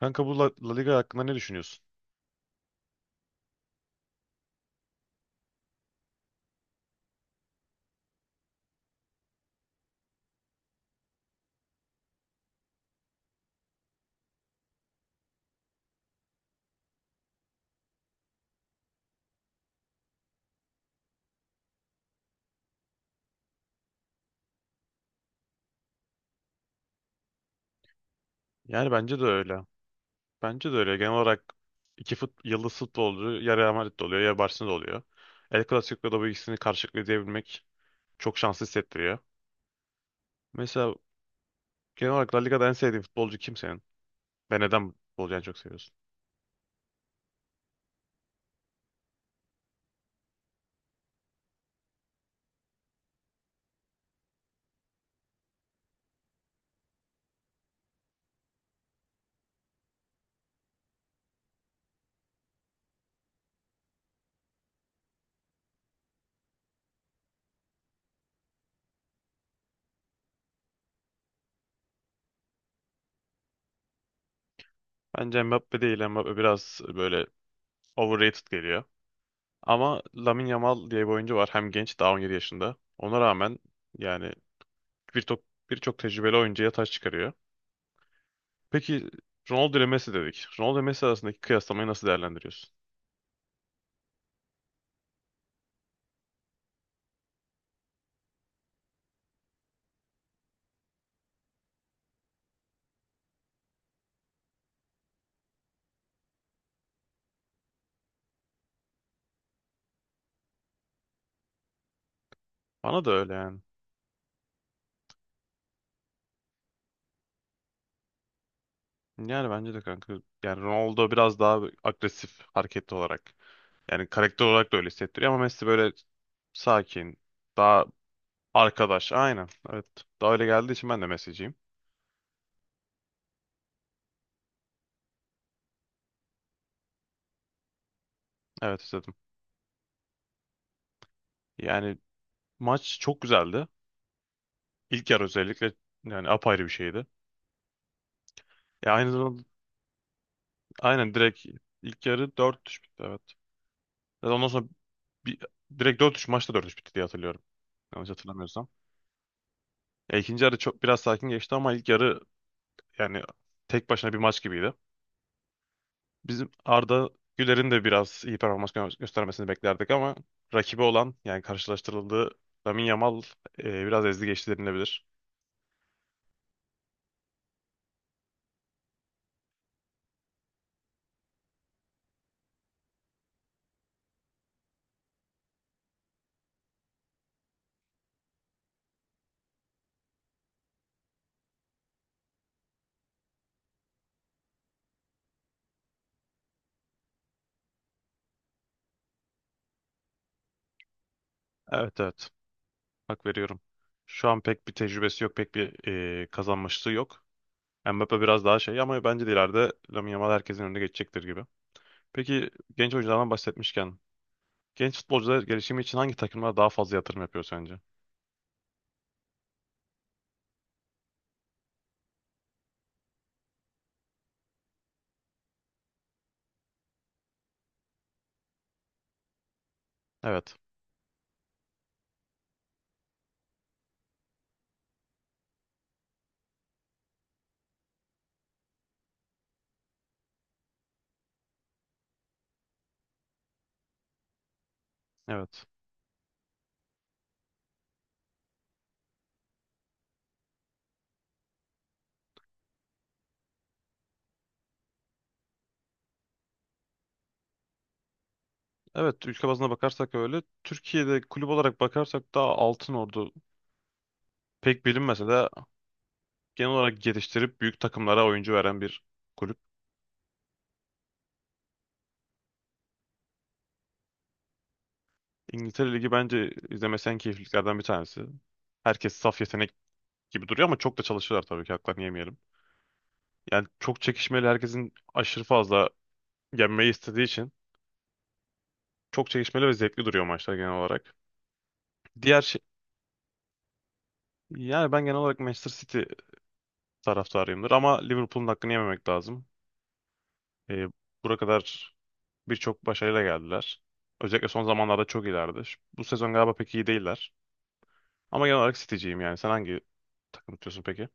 Kanka bu La Liga hakkında ne düşünüyorsun? Yani bence de öyle. Bence de öyle. Genel olarak yıldız futbolcu ya Real Madrid'de oluyor ya Barcelona'da oluyor. El Clasico'da bu ikisini karşılayabilmek çok şanslı hissettiriyor. Mesela genel olarak La Liga'da en sevdiğin futbolcu kim senin? Ve neden bu futbolcuyu en çok seviyorsun? Bence Mbappe değil. Mbappe biraz böyle overrated geliyor. Ama Lamine Yamal diye bir oyuncu var. Hem genç, daha 17 yaşında. Ona rağmen yani birçok birçok tecrübeli oyuncuya taş çıkarıyor. Peki, Ronaldo ile Messi dedik. Ronaldo ile Messi arasındaki kıyaslamayı nasıl değerlendiriyorsun? Bana da öyle yani. Yani bence de kanka. Yani Ronaldo biraz daha agresif, hareketli olarak. Yani karakter olarak da öyle hissettiriyor ama Messi böyle sakin, daha arkadaş. Aynen. Evet. Daha öyle geldiği için ben de Messi'ciyim. Evet, istedim. Yani maç çok güzeldi. İlk yarı özellikle yani apayrı bir şeydi. Ya, aynı zamanda aynen direkt ilk yarı dört 3 bitti, evet. Ve ondan sonra Bir, direkt dört üç maçta dört üç bitti diye hatırlıyorum. Yanlış hatırlamıyorsam. Ya, ikinci yarı çok biraz sakin geçti ama ilk yarı yani tek başına bir maç gibiydi. Bizim Arda Güler'in de biraz iyi performans göstermesini beklerdik ama rakibi olan, yani karşılaştırıldığı Lamine Yamal biraz ezdi geçti denilebilir. Evet, evet, hak veriyorum. Şu an pek bir tecrübesi yok, pek bir kazanmışlığı yok. Mbappe biraz daha şey ama bence de ileride Lamine Yamal herkesin önüne geçecektir gibi. Peki, genç oyunculardan bahsetmişken genç futbolcular gelişimi için hangi takımlara daha fazla yatırım yapıyor sence? Evet. Evet. Evet, ülke bazına bakarsak öyle. Türkiye'de kulüp olarak bakarsak daha Altınordu, pek bilinmese de genel olarak geliştirip büyük takımlara oyuncu veren bir kulüp. İngiltere Ligi bence izlemesi en keyifliliklerden bir tanesi. Herkes saf yetenek gibi duruyor ama çok da çalışıyorlar tabii ki, haklarını yemeyelim. Yani çok çekişmeli, herkesin aşırı fazla yenmeyi istediği için çok çekişmeli ve zevkli duruyor maçlar genel olarak. Diğer şey, yani ben genel olarak Manchester City taraftarıyımdır. Ama Liverpool'un hakkını yememek lazım. E, Bura kadar birçok başarıyla geldiler. Özellikle son zamanlarda çok iyilerdi. Bu sezon galiba pek iyi değiller. Ama genel olarak City'ciyim yani. Sen hangi takım tutuyorsun peki?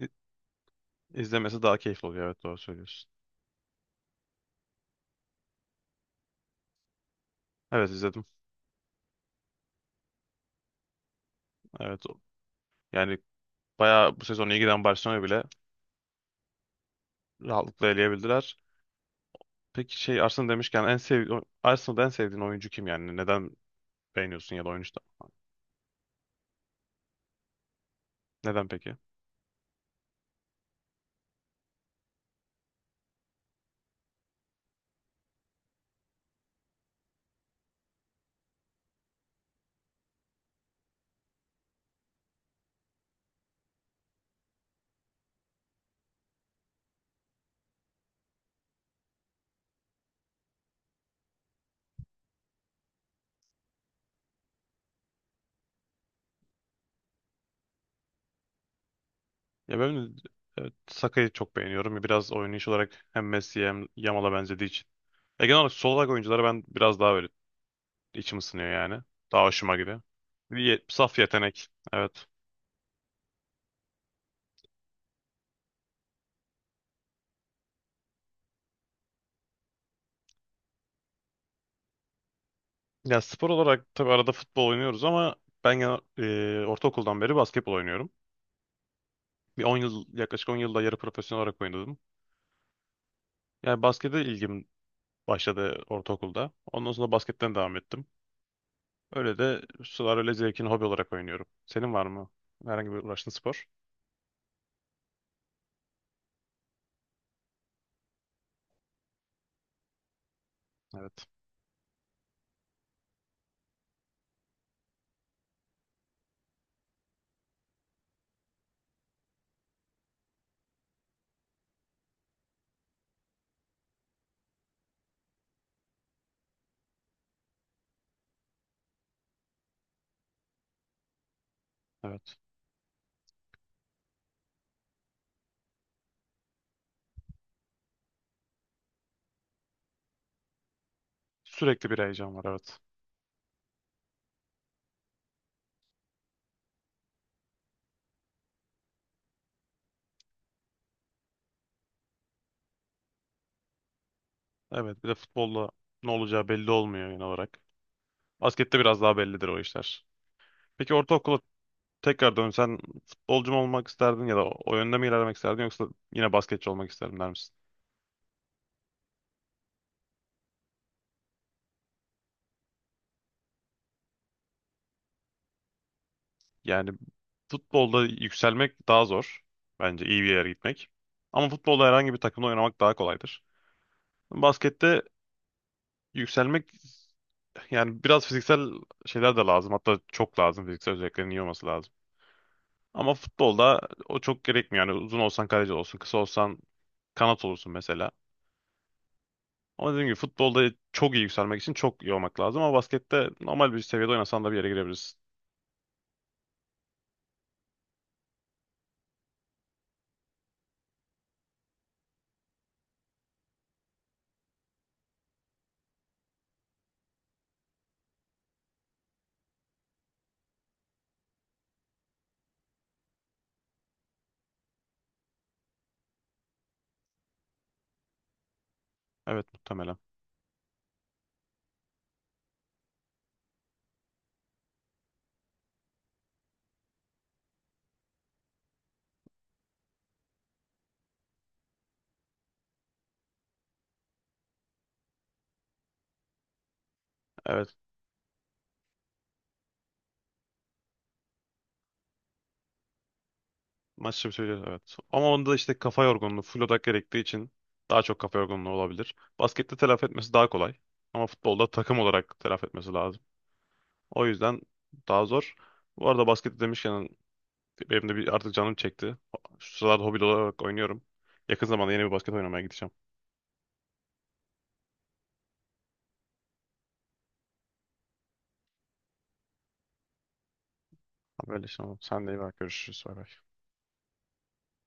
İ- İzlemesi daha keyifli oluyor. Evet, doğru söylüyorsun. Evet, izledim. Evet. Yani bayağı bu sezon iyi giden Barcelona'yı bile rahatlıkla eleyebildiler. Peki şey, Arsenal demişken en sev Arsenal'da en sevdiğin oyuncu kim yani? Neden beğeniyorsun ya da oyuncu da? Neden peki? Ya ben, evet, Saka'yı çok beğeniyorum. Biraz oynayış olarak hem Messi'ye hem Yamal'a benzediği için. Ya genel olarak sol bek oyuncuları ben biraz daha böyle içim ısınıyor yani. Daha hoşuma gidiyor. Saf yetenek. Evet. Ya spor olarak tabii arada futbol oynuyoruz ama ben ortaokuldan beri basketbol oynuyorum. Bir 10 yıl, yaklaşık 10 yılda yarı profesyonel olarak oynadım. Yani baskete ilgim başladı ortaokulda. Ondan sonra basketten devam ettim. Öyle de sular öyle zevkini hobi olarak oynuyorum. Senin var mı herhangi bir uğraştığın spor? Evet. Evet. Sürekli bir heyecan var, evet. Evet, bir de futbolda ne olacağı belli olmuyor genel olarak. Baskette biraz daha bellidir o işler. Peki ortaokula tekrar dönsen futbolcu mu olmak isterdin ya da o yönde mi ilerlemek isterdin, yoksa yine basketçi olmak isterdim der misin? Yani futbolda yükselmek daha zor. Bence iyi bir yere gitmek. Ama futbolda herhangi bir takımda oynamak daha kolaydır. Baskette yükselmek, yani biraz fiziksel şeyler de lazım. Hatta çok lazım. Fiziksel özelliklerin iyi olması lazım. Ama futbolda o çok gerekmiyor. Yani uzun olsan kaleci olsun, kısa olsan kanat olursun mesela. Ama dediğim gibi futbolda çok iyi yükselmek için çok iyi olmak lazım. Ama baskette normal bir seviyede oynasan da bir yere girebilirsin. Evet, muhtemelen. Evet. Maç içi bir söylüyor. Evet. Ama onda işte kafa yorgunluğu, full odak gerektiği için daha çok kafa yorgunluğu olabilir. Baskette telafi etmesi daha kolay. Ama futbolda takım olarak telafi etmesi lazım. O yüzden daha zor. Bu arada baskette demişken benim de bir artık canım çekti. Şu sıralarda hobi olarak oynuyorum. Yakın zamanda yeni bir basket oynamaya gideceğim. Böyle işte. Sen de iyi bak. Görüşürüz. Bay bay.